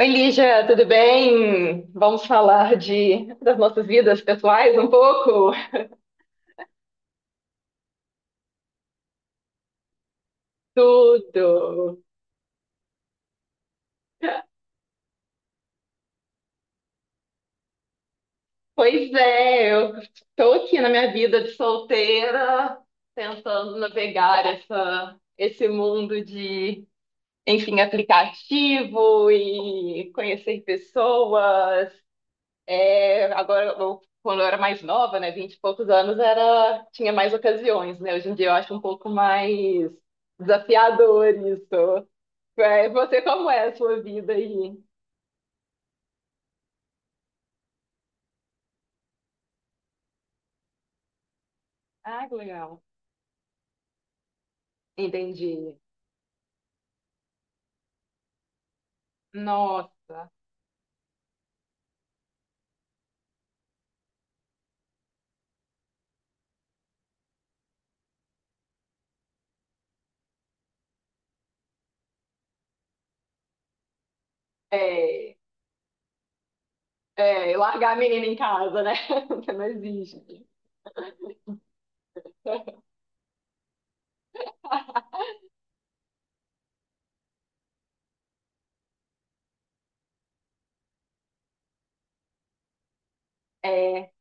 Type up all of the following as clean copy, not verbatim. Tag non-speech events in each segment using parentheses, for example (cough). Oi, Lígia, tudo bem? Vamos falar de das nossas vidas pessoais um pouco? Tudo. Pois é, eu estou aqui na minha vida de solteira, tentando navegar esse mundo de, enfim, aplicativo e conhecer pessoas. É, agora, quando eu era mais nova, né, 20 e poucos anos, era, tinha mais ocasiões, né? Hoje em dia eu acho um pouco mais desafiador isso. É, você, como é a sua vida aí? Ah, que legal. Entendi. Nossa. É, é, largar a menina em casa, né? (laughs) Você não existe. (laughs) É,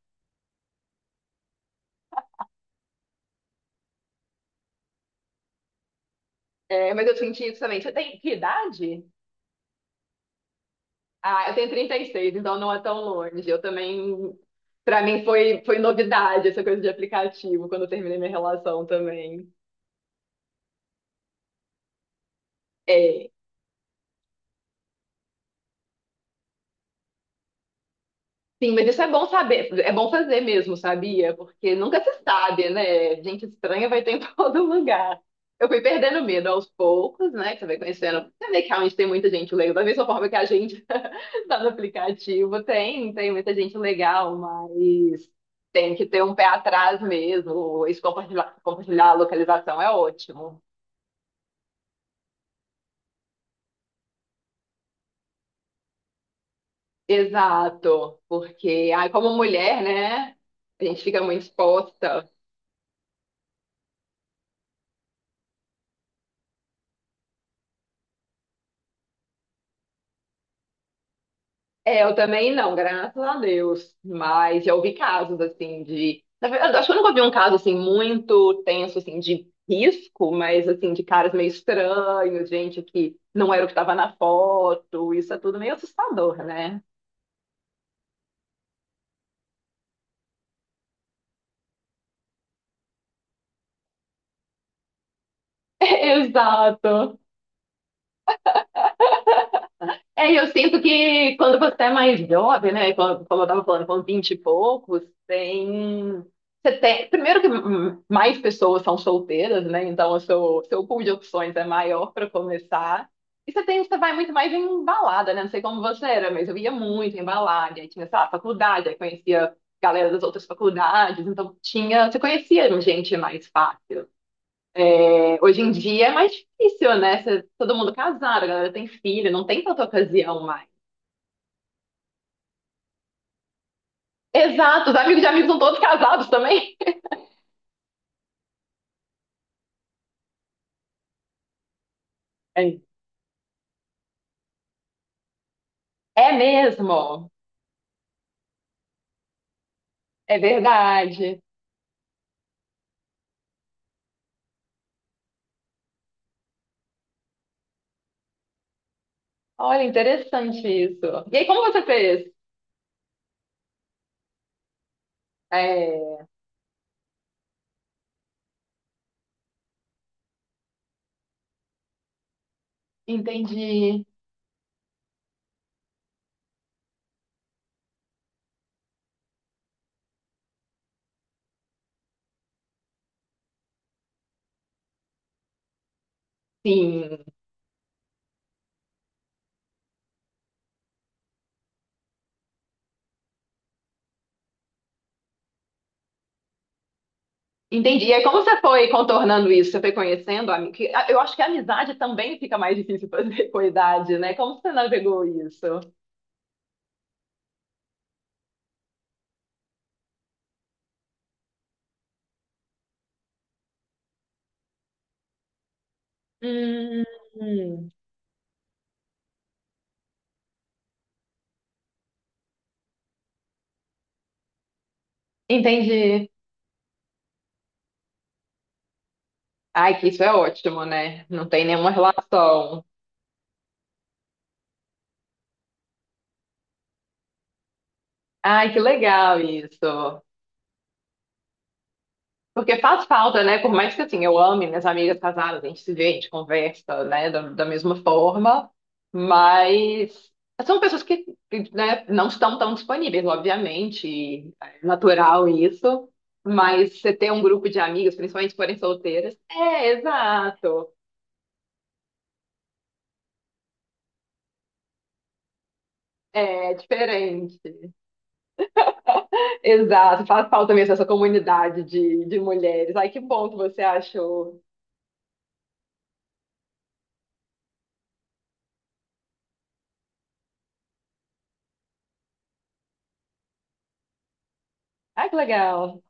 é, mas eu senti isso também. Você tem que idade? Ah, eu tenho 36, então não é tão longe. Eu também, pra mim foi novidade essa coisa de aplicativo quando eu terminei minha relação também. É, sim, mas isso é bom saber, é bom fazer mesmo, sabia? Porque nunca se sabe, né? Gente estranha vai ter em (laughs) todo lugar. Eu fui perdendo medo aos poucos, né? Que você vai conhecendo. Você vê que realmente tem muita gente legal, da mesma forma que a gente (laughs) tá no aplicativo, tem muita gente legal, mas tem que ter um pé atrás mesmo. Isso compartilhar a localização é ótimo. Exato, porque ai, como mulher, né? A gente fica muito exposta. É, eu também não, graças a Deus. Mas já ouvi casos assim de. Na verdade, acho que eu nunca vi um caso assim muito tenso assim de risco, mas assim de caras meio estranhos, gente que não era o que estava na foto. Isso é tudo meio assustador, né? (laughs) Exato. É, e eu sinto que quando você é mais jovem, né, quando- como eu estava falando, com 20 e poucos, tem... Você tem... Primeiro que mais pessoas são solteiras, né, então o seu pool de opções é maior para começar. E você tem, você vai muito mais em balada, né, não sei como você era, mas eu ia muito em balada, aí tinha, sei lá, faculdade, aí conhecia galera das outras faculdades, então tinha... Você conhecia gente mais fácil. É, hoje em dia é mais difícil, né? Cê- todo mundo casado, a galera tem filho, não tem tanta ocasião mais. Exato, os amigos de amigos são todos casados também. É, é mesmo, é verdade. Olha, interessante isso. E aí, como você fez? É, entendi, sim, entendi. E aí, como você foi contornando isso? Você foi conhecendo? Eu acho que a amizade também fica mais difícil fazer (laughs) com a idade, né? Como você navegou isso? Hum, entendi. Ai, que isso é ótimo, né? Não tem nenhuma relação. Ai, que legal isso. Porque faz falta, né? Por mais que assim, eu ame minhas amigas casadas, a gente se vê, a gente conversa, né? Da mesma forma, mas são pessoas que, né, não estão tão disponíveis, obviamente, e é natural isso. Mas você ter um grupo de amigas, principalmente se forem solteiras, é exato, é diferente. (laughs) Exato, faz falta mesmo essa comunidade de mulheres. Ai, que bom que você achou. Ai, que legal.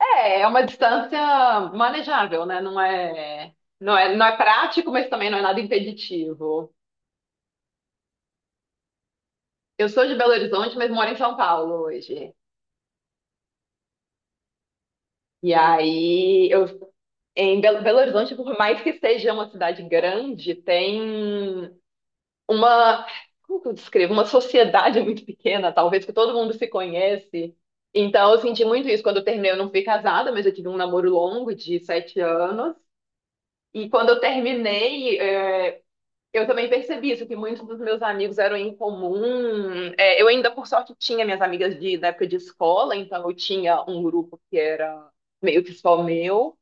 É, é uma distância manejável, né? Não é prático, mas também não é nada impeditivo. Eu sou de Belo Horizonte, mas moro em São Paulo hoje. E aí, eu, em Belo Horizonte, por mais que seja uma cidade grande, tem uma, como que eu descrevo? Uma sociedade (laughs) muito pequena, talvez, que todo mundo se conhece. Então, eu senti muito isso. Quando eu terminei, eu não fui casada, mas eu tive um namoro longo de sete anos. E quando eu terminei, é, eu também percebi isso, que muitos dos meus amigos eram em comum. É, eu ainda, por sorte, tinha minhas amigas de, da época de escola, então eu tinha um grupo que era meio que só meu.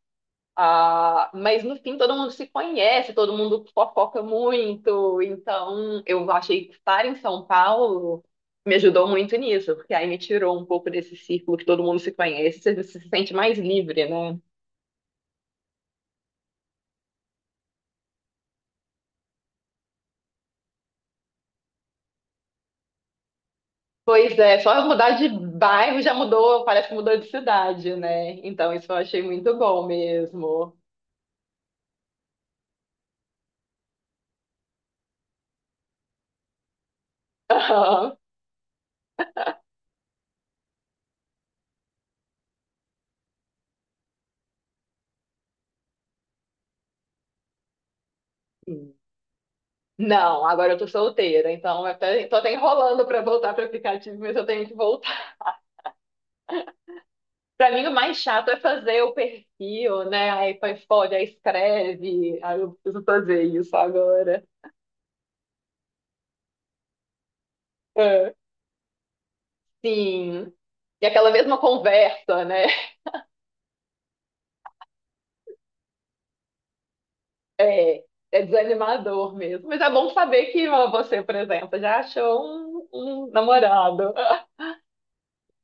Ah, mas no fim todo mundo se conhece, todo mundo fofoca muito, então eu achei que estar em São Paulo me ajudou muito nisso, porque aí me tirou um pouco desse círculo que todo mundo se conhece, você se sente mais livre, né? Pois é, só eu mudar de bairro já mudou, parece que mudou de cidade, né? Então isso eu achei muito bom mesmo. (laughs) Aham. Não, agora eu tô solteira, então eu tô até enrolando pra voltar para aplicativo, mas eu tenho que voltar. Pra mim, o mais chato é fazer o perfil, né? Aí põe foto, aí escreve. Aí eu preciso fazer isso agora. É. Sim. E aquela mesma conversa, né? É, é desanimador mesmo. Mas é bom saber que ó, você, por exemplo, já achou um namorado. (laughs)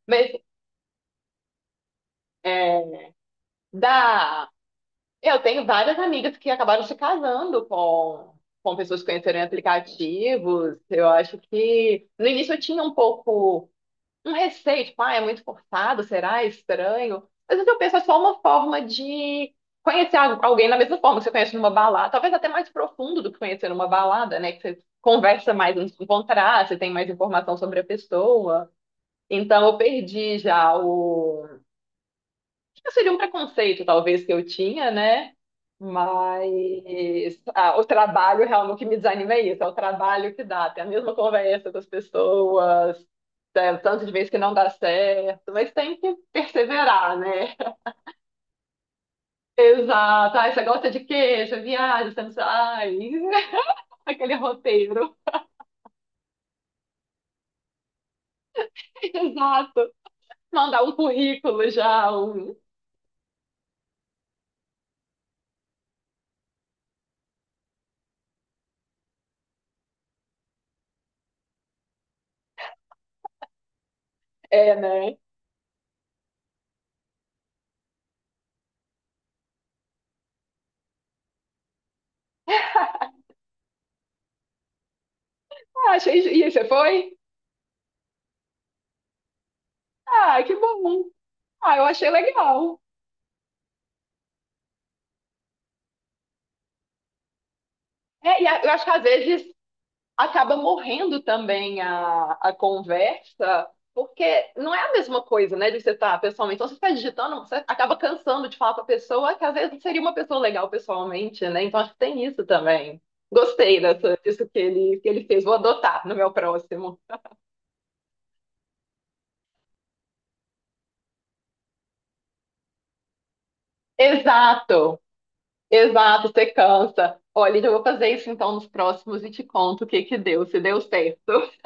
Mas é, dá. Eu tenho várias amigas que acabaram se casando com pessoas que conheceram em aplicativos. Eu acho que no início eu tinha um pouco um receio, tipo, ah, é muito forçado, será É estranho? Às vezes eu penso, é só uma forma de conhecer alguém da mesma forma que você conhece numa balada, talvez até mais profundo do que conhecer numa balada, né? Que você conversa mais antes de encontrar, você tem mais informação sobre a pessoa. Então eu perdi já o Seria um preconceito, talvez, que eu tinha, né? Mas ah, o trabalho realmente o que me desanima é isso, é o trabalho que dá, tem a mesma conversa das pessoas, é, o tanto de vezes que não dá certo, mas tem que perseverar, né? (laughs) Exato, ai, você gosta de queijo, viagem, você não sabe, ai, (laughs) aquele roteiro, (laughs) exato, mandar um currículo já, um... é, né? (laughs) Ah, achei, e aí, você foi? Ah, que bom, ah, eu achei legal. É, eu acho que às vezes acaba morrendo também a conversa, porque não é a mesma coisa, né, de você estar pessoalmente. Então, você está digitando, você acaba cansando de falar para a pessoa que às vezes seria uma pessoa legal pessoalmente, né? Então, acho que tem isso também. Gostei disso que que ele fez. Vou adotar no meu próximo. Exato, exato, você cansa. Olha, eu vou fazer isso então nos próximos e te conto o que que deu, se deu certo. (laughs)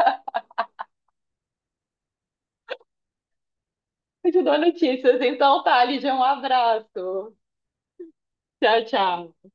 Eu te dou notícias. Então tá, Lídia, um abraço. Tchau, tchau.